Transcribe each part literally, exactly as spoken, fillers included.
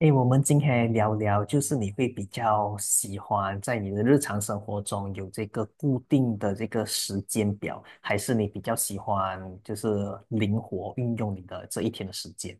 诶，我们今天来聊聊，就是你会比较喜欢在你的日常生活中有这个固定的这个时间表，还是你比较喜欢就是灵活运用你的这一天的时间？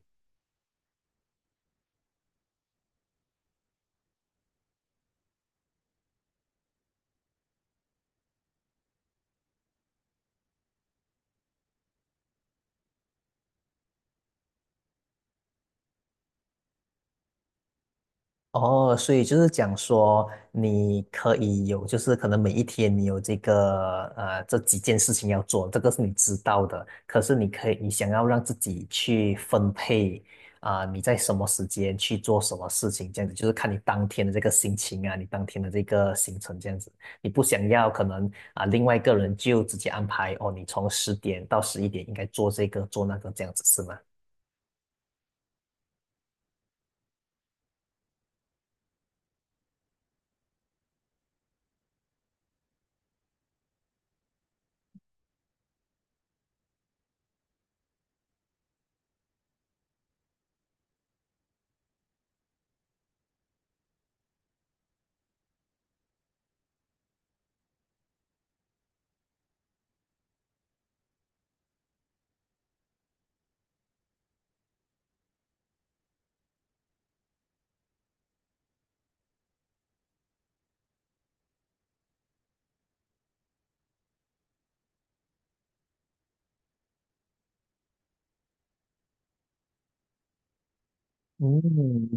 哦，所以就是讲说，你可以有，就是可能每一天你有这个呃这几件事情要做，这个是你知道的。可是你可以，你想要让自己去分配啊、你在什么时间去做什么事情，这样子就是看你当天的这个心情啊，你当天的这个行程这样子。你不想要可能啊、另外一个人就直接安排哦，你从十点到十一点应该做这个做那个这样子是吗？嗯，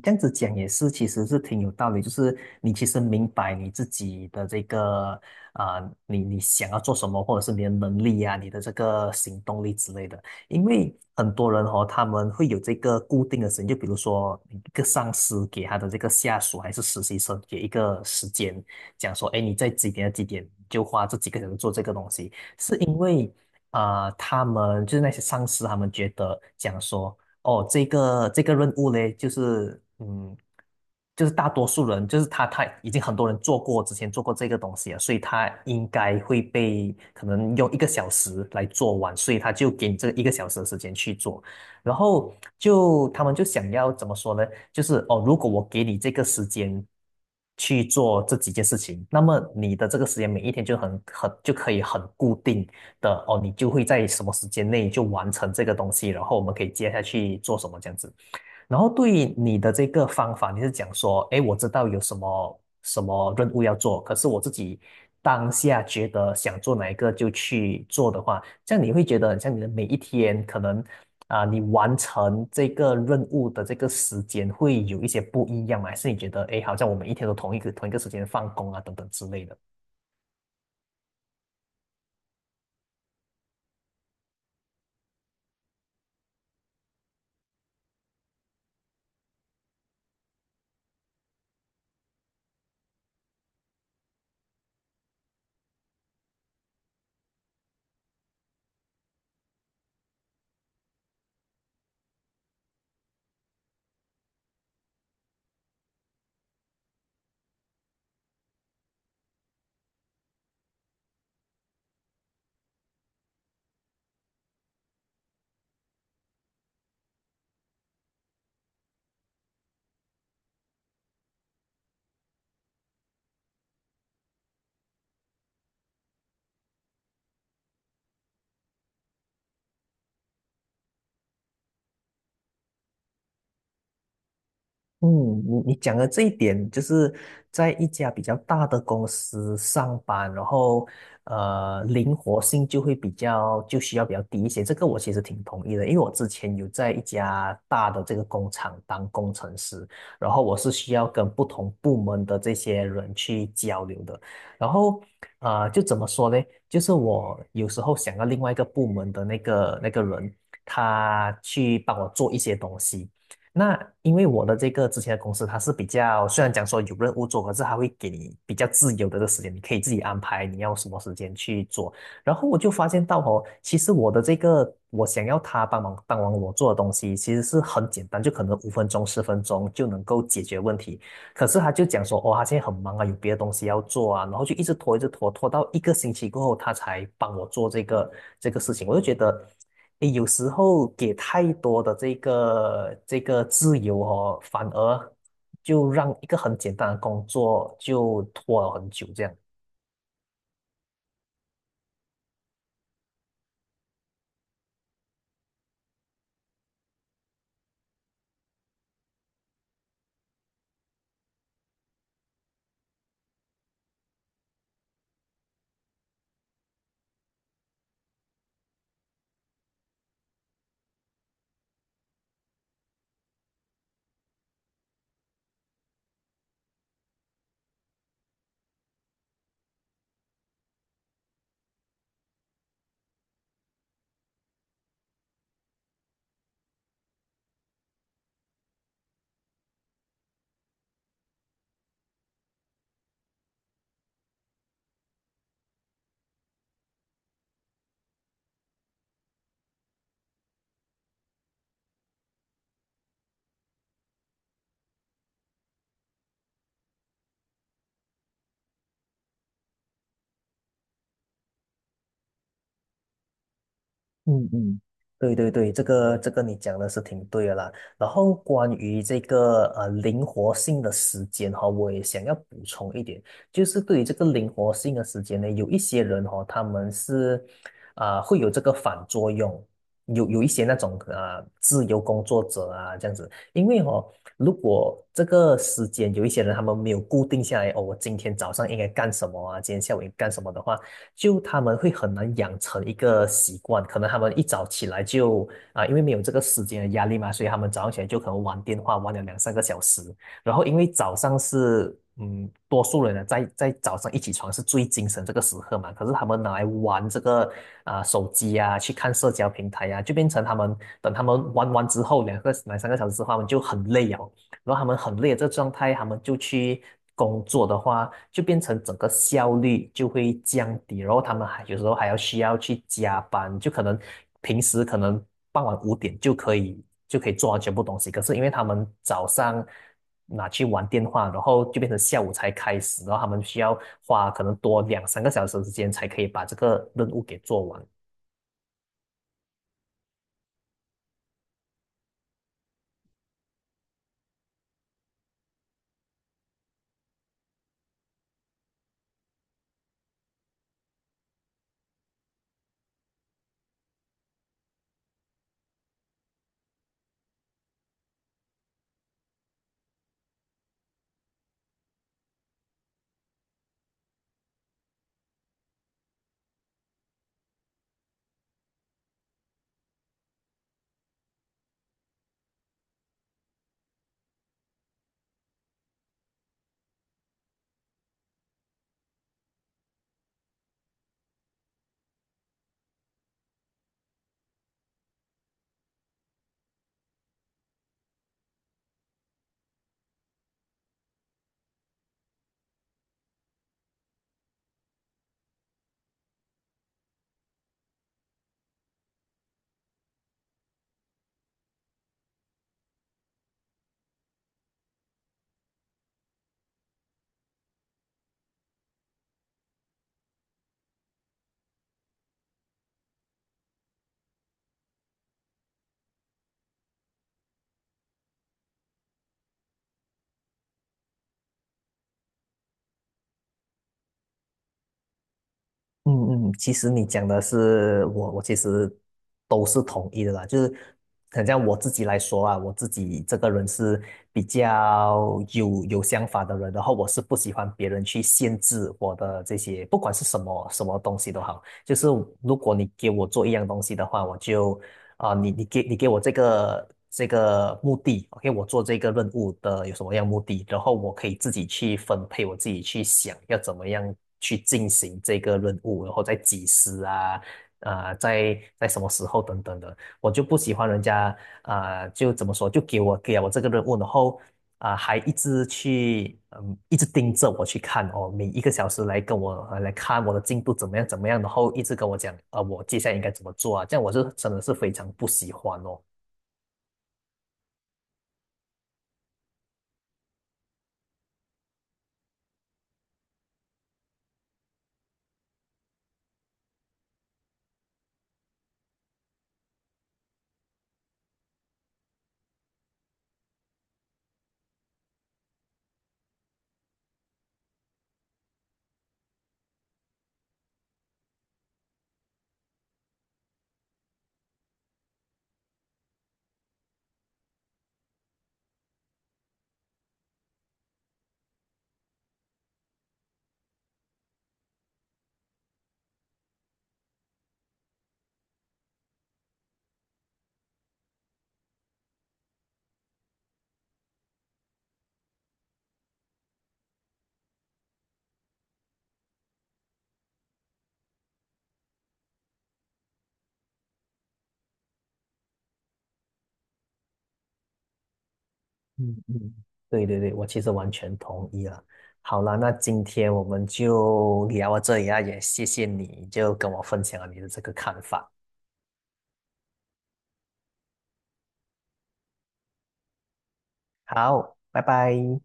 这样子讲也是，其实是挺有道理。就是你其实明白你自己的这个啊、你你想要做什么，或者是你的能力啊，你的这个行动力之类的。因为很多人哦，他们会有这个固定的时间，就比如说一个上司给他的这个下属还是实习生给一个时间，讲说，哎，你在几点到几点就花这几个小时做这个东西，是因为啊、他们就是那些上司，他们觉得讲说。哦，这个这个任务呢，就是嗯，就是大多数人，就是他他已经很多人做过，之前做过这个东西了，所以他应该会被可能用一个小时来做完，所以他就给你这一个小时的时间去做，然后就他们就想要怎么说呢？就是哦，如果我给你这个时间去做这几件事情，那么你的这个时间每一天就很很就可以很固定。的哦，你就会在什么时间内就完成这个东西，然后我们可以接下去做什么这样子。然后对于你的这个方法，你是讲说，诶，我知道有什么什么任务要做，可是我自己当下觉得想做哪一个就去做的话，这样你会觉得很像你的每一天可能啊、你完成这个任务的这个时间会有一些不一样吗？还是你觉得，诶，好像我们一天都同一个同一个时间放工啊，等等之类的？嗯，你你讲的这一点，就是在一家比较大的公司上班，然后呃，灵活性就会比较就需要比较低一些。这个我其实挺同意的，因为我之前有在一家大的这个工厂当工程师，然后我是需要跟不同部门的这些人去交流的，然后呃，就怎么说呢？就是我有时候想要另外一个部门的那个那个人，他去帮我做一些东西。那因为我的这个之前的公司，它是比较虽然讲说有任务做，可是它会给你比较自由的这个时间，你可以自己安排你要什么时间去做。然后我就发现到哦，其实我的这个我想要他帮忙帮忙我做的东西，其实是很简单，就可能五分钟、十分钟就能够解决问题。可是他就讲说，哦，他现在很忙啊，有别的东西要做啊，然后就一直拖，一直拖，拖到一个星期过后，他才帮我做这个这个事情。我就觉得。诶有时候给太多的这个这个自由哦，反而就让一个很简单的工作就拖了很久这样。嗯嗯，对对对，这个这个你讲的是挺对的啦。然后关于这个呃灵活性的时间哈、我也想要补充一点，就是对于这个灵活性的时间呢，有一些人哈、他们是啊、会有这个反作用，有有一些那种啊、自由工作者啊这样子，因为哦，如果这个时间有一些人他们没有固定下来，哦，我今天早上应该干什么啊，今天下午应该干什么的话。就他们会很难养成一个习惯，可能他们一早起来就啊、因为没有这个时间的压力嘛，所以他们早上起来就可能玩电话玩了两三个小时，然后因为早上是嗯，多数人呢在在早上一起床是最精神这个时刻嘛，可是他们拿来玩这个啊、手机啊，去看社交平台啊，就变成他们等他们玩完之后两个两三个小时之后，他们就很累啊，然后他们很累的这个状态，他们就去工作的话，就变成整个效率就会降低，然后他们还有时候还要需要去加班，就可能平时可能傍晚五点就可以就可以做完全部东西，可是因为他们早上拿去玩电话，然后就变成下午才开始，然后他们需要花可能多两三个小时的时间才可以把这个任务给做完。嗯嗯，其实你讲的是我，我其实都是同意的啦。就是很像我自己来说啊，我自己这个人是比较有有想法的人，然后我是不喜欢别人去限制我的这些，不管是什么什么东西都好。就是如果你给我做一样东西的话，我就啊、你你给你给我这个这个目的，OK，我做这个任务的有什么样目的，然后我可以自己去分配，我自己去想要怎么样去进行这个任务，然后再几时啊，啊、在在什么时候等等的，我就不喜欢人家啊、就怎么说，就给我给了我这个任务，然后啊，还一直去，嗯，一直盯着我去看哦，每一个小时来跟我呃来看我的进度怎么样怎么样，然后一直跟我讲，呃，我接下来应该怎么做啊？这样我是真的是非常不喜欢哦。嗯嗯，对对对，我其实完全同意了。好了，那今天我们就聊到这里啊，也谢谢你就跟我分享了你的这个看法。好，拜拜。